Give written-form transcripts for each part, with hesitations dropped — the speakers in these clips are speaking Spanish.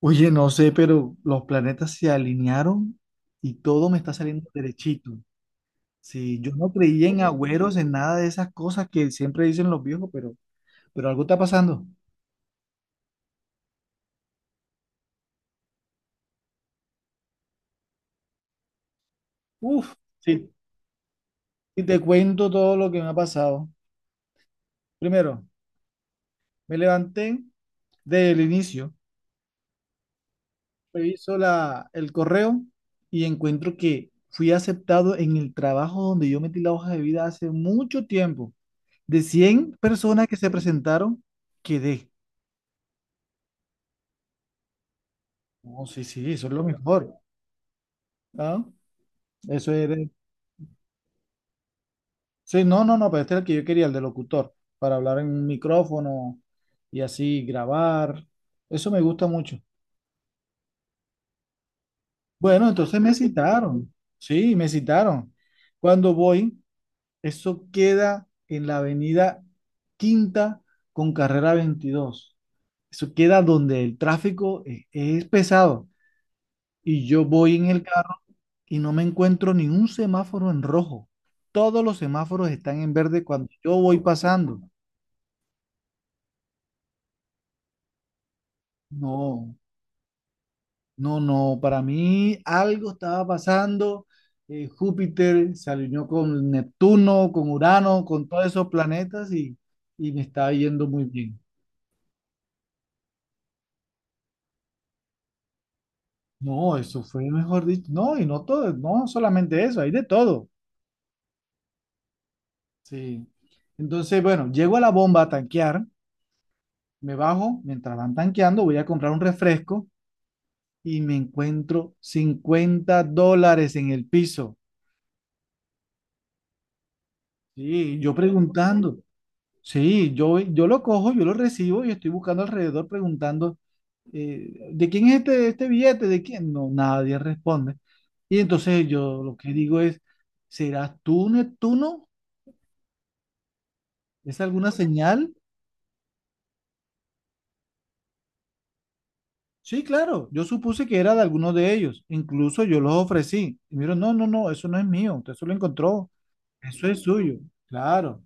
Oye, no sé, pero los planetas se alinearon y todo me está saliendo derechito. Sí, yo no creía en agüeros, en nada de esas cosas que siempre dicen los viejos, pero algo está pasando. Uf, sí. Y te cuento todo lo que me ha pasado. Primero, me levanté del inicio, reviso el correo y encuentro que fui aceptado en el trabajo donde yo metí la hoja de vida hace mucho tiempo. De 100 personas que se presentaron, quedé. No, sí, sí, eso es lo mejor. ¿Ah? Eso era. Sí, no, no, no, pero este es el que yo quería, el de locutor, para hablar en un micrófono y así grabar. Eso me gusta mucho. Bueno, entonces me citaron. Sí, me citaron. Cuando voy, eso queda en la avenida Quinta con carrera 22. Eso queda donde el tráfico es pesado. Y yo voy en el. No me encuentro ni un semáforo en rojo. Todos los semáforos están en verde cuando yo voy pasando. No, no, no. Para mí algo estaba pasando. Júpiter se alineó con Neptuno, con Urano, con todos esos planetas y me estaba yendo muy bien. No, eso fue mejor dicho. No, y no todo, no solamente eso, hay de todo. Sí. Entonces, bueno, llego a la bomba a tanquear, me bajo, mientras van tanqueando, voy a comprar un refresco y me encuentro $50 en el piso. Sí, yo preguntando. Sí, yo lo cojo, yo lo recibo y estoy buscando alrededor preguntando, ¿de quién es este billete? ¿De quién? No, nadie responde. Y entonces yo lo que digo es, ¿serás tú, Neptuno? ¿Es alguna señal? Sí, claro, yo supuse que era de alguno de ellos. Incluso yo los ofrecí. Y miro, no, no, no, eso no es mío. Usted se lo encontró. Eso es suyo. Claro.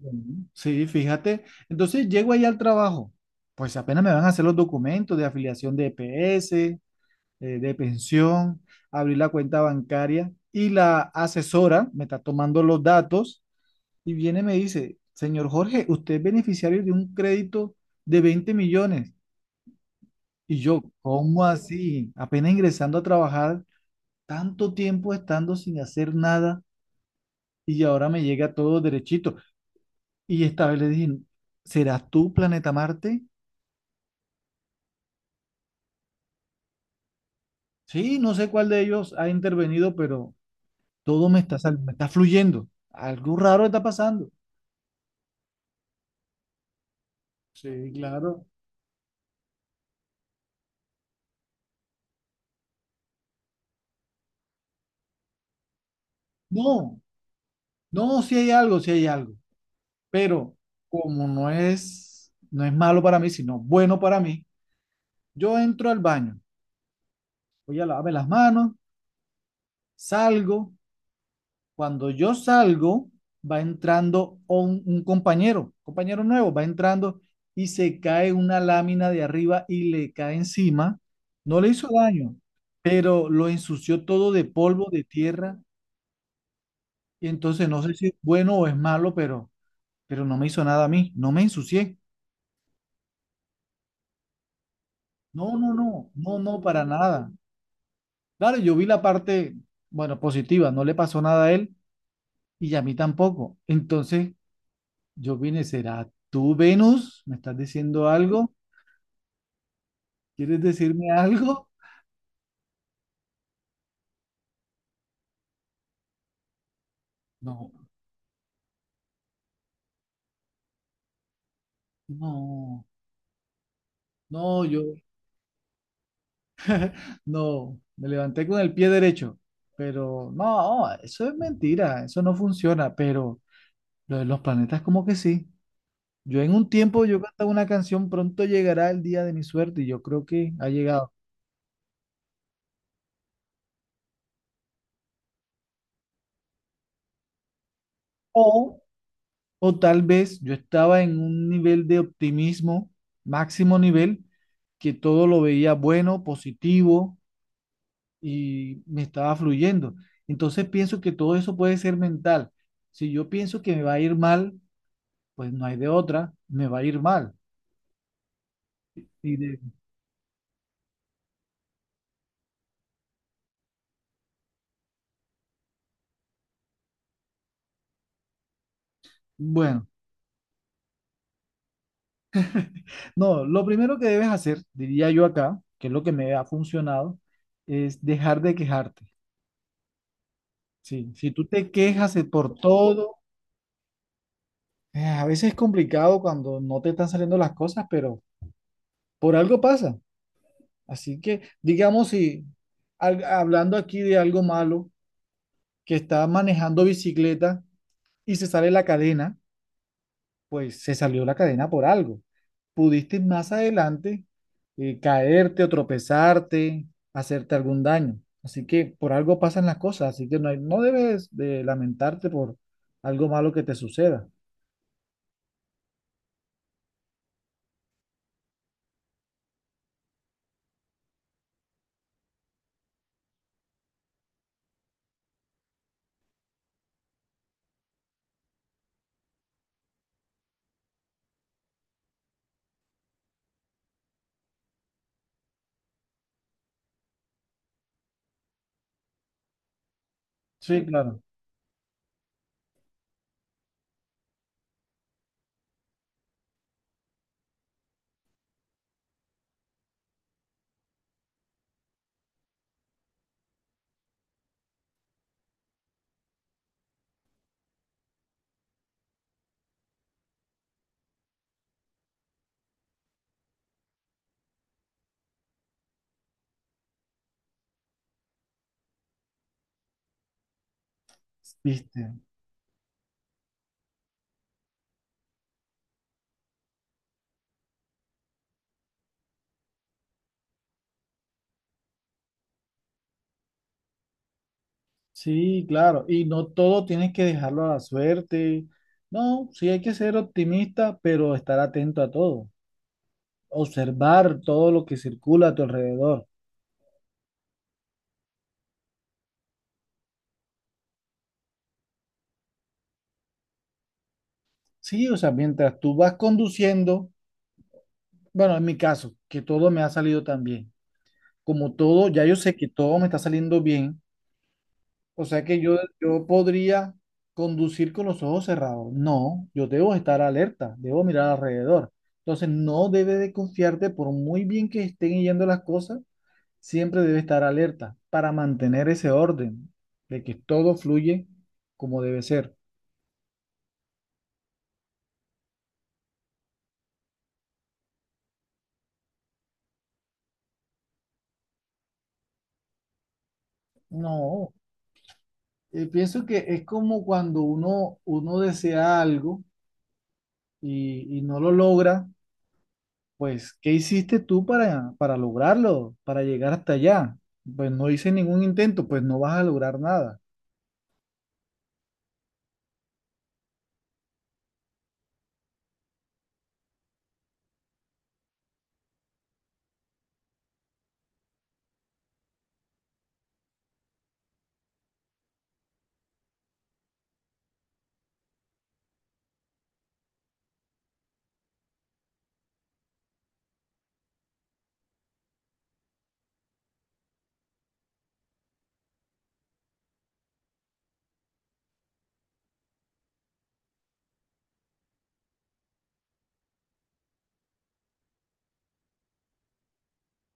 Ujú. Sí, fíjate. Entonces llego ahí al trabajo. Pues apenas me van a hacer los documentos de afiliación de EPS, de pensión, abrir la cuenta bancaria y la asesora me está tomando los datos y viene y me dice, señor Jorge, usted es beneficiario de un crédito de 20 millones. Y yo, ¿cómo así? Apenas ingresando a trabajar, tanto tiempo estando sin hacer nada y ahora me llega todo derechito. Y esta vez le dije, ¿serás tú, Planeta Marte? Sí, no sé cuál de ellos ha intervenido, pero todo me está, me está fluyendo. Algo raro está pasando. Sí, claro. No, no, si hay algo, si hay algo. Pero como no es, no es malo para mí, sino bueno para mí, yo entro al baño, voy a lavarme las manos, salgo. Cuando yo salgo, va entrando un compañero nuevo, va entrando y se cae una lámina de arriba y le cae encima. No le hizo daño, pero lo ensució todo de polvo, de tierra. Y entonces no sé si es bueno o es malo, pero no me hizo nada a mí, no me ensucié. No, no, no, no, no, para nada. Claro, yo vi la parte, bueno, positiva, no le pasó nada a él y a mí tampoco. Entonces, yo vine, ¿será tú, Venus? ¿Me estás diciendo algo? ¿Quieres decirme algo? No, no, no, yo no. Me levanté con el pie derecho, pero no, eso es mentira, eso no funciona, pero lo de los planetas como que sí. Yo en un tiempo, yo cantaba una canción, pronto llegará el día de mi suerte y yo creo que ha llegado. O, o tal vez yo estaba en un nivel de optimismo, máximo nivel, que todo lo veía bueno, positivo y me estaba fluyendo. Entonces pienso que todo eso puede ser mental. Si yo pienso que me va a ir mal, pues no hay de otra, me va a ir mal. Y de- bueno, no, lo primero que debes hacer, diría yo acá, que es lo que me ha funcionado, es dejar de quejarte. Sí, si tú te quejas de por todo, a veces es complicado cuando no te están saliendo las cosas, pero por algo pasa. Así que, digamos, si hablando aquí de algo malo, que está manejando bicicleta y se sale la cadena, pues se salió la cadena por algo. Pudiste más adelante caerte o tropezarte, hacerte algún daño. Así que por algo pasan las cosas, así que no, no debes de lamentarte por algo malo que te suceda. Sí, claro, viste. Sí, claro, y no todo tienes que dejarlo a la suerte. No, sí hay que ser optimista, pero estar atento a todo, observar todo lo que circula a tu alrededor. Sí, o sea, mientras tú vas conduciendo, bueno, en mi caso, que todo me ha salido tan bien, como todo, ya yo sé que todo me está saliendo bien, o sea que yo podría conducir con los ojos cerrados. No, yo debo estar alerta, debo mirar alrededor. Entonces, no debe de confiarte por muy bien que estén yendo las cosas, siempre debe estar alerta para mantener ese orden de que todo fluye como debe ser. No, pienso que es como cuando uno desea algo y no lo logra, pues, ¿qué hiciste tú para lograrlo, para llegar hasta allá? Pues no hice ningún intento, pues no vas a lograr nada,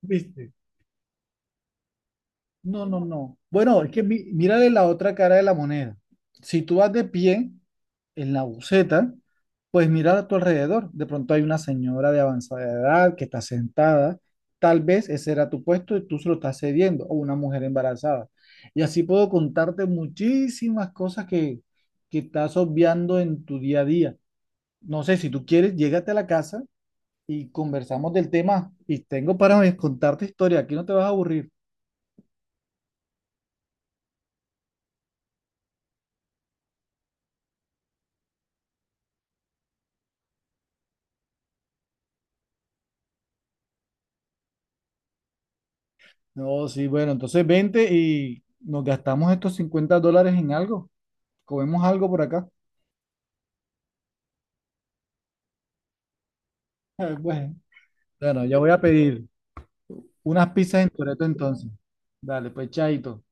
¿viste? No, no, no. Bueno, es que mírale la otra cara de la moneda. Si tú vas de pie, en la buceta, pues mirar a tu alrededor. De pronto hay una señora de avanzada edad que está sentada. Tal vez ese era tu puesto y tú se lo estás cediendo, o una mujer embarazada. Y así puedo contarte muchísimas cosas que estás obviando en tu día a día. No sé, si tú quieres, llégate a la casa y conversamos del tema. Y tengo para contarte historia, aquí no te vas a aburrir. No, sí, bueno, entonces vente y nos gastamos estos $50 en algo. Comemos algo por acá. Bueno. Bueno, yo voy a pedir unas pizzas en Toreto entonces. Dale, pues chaito.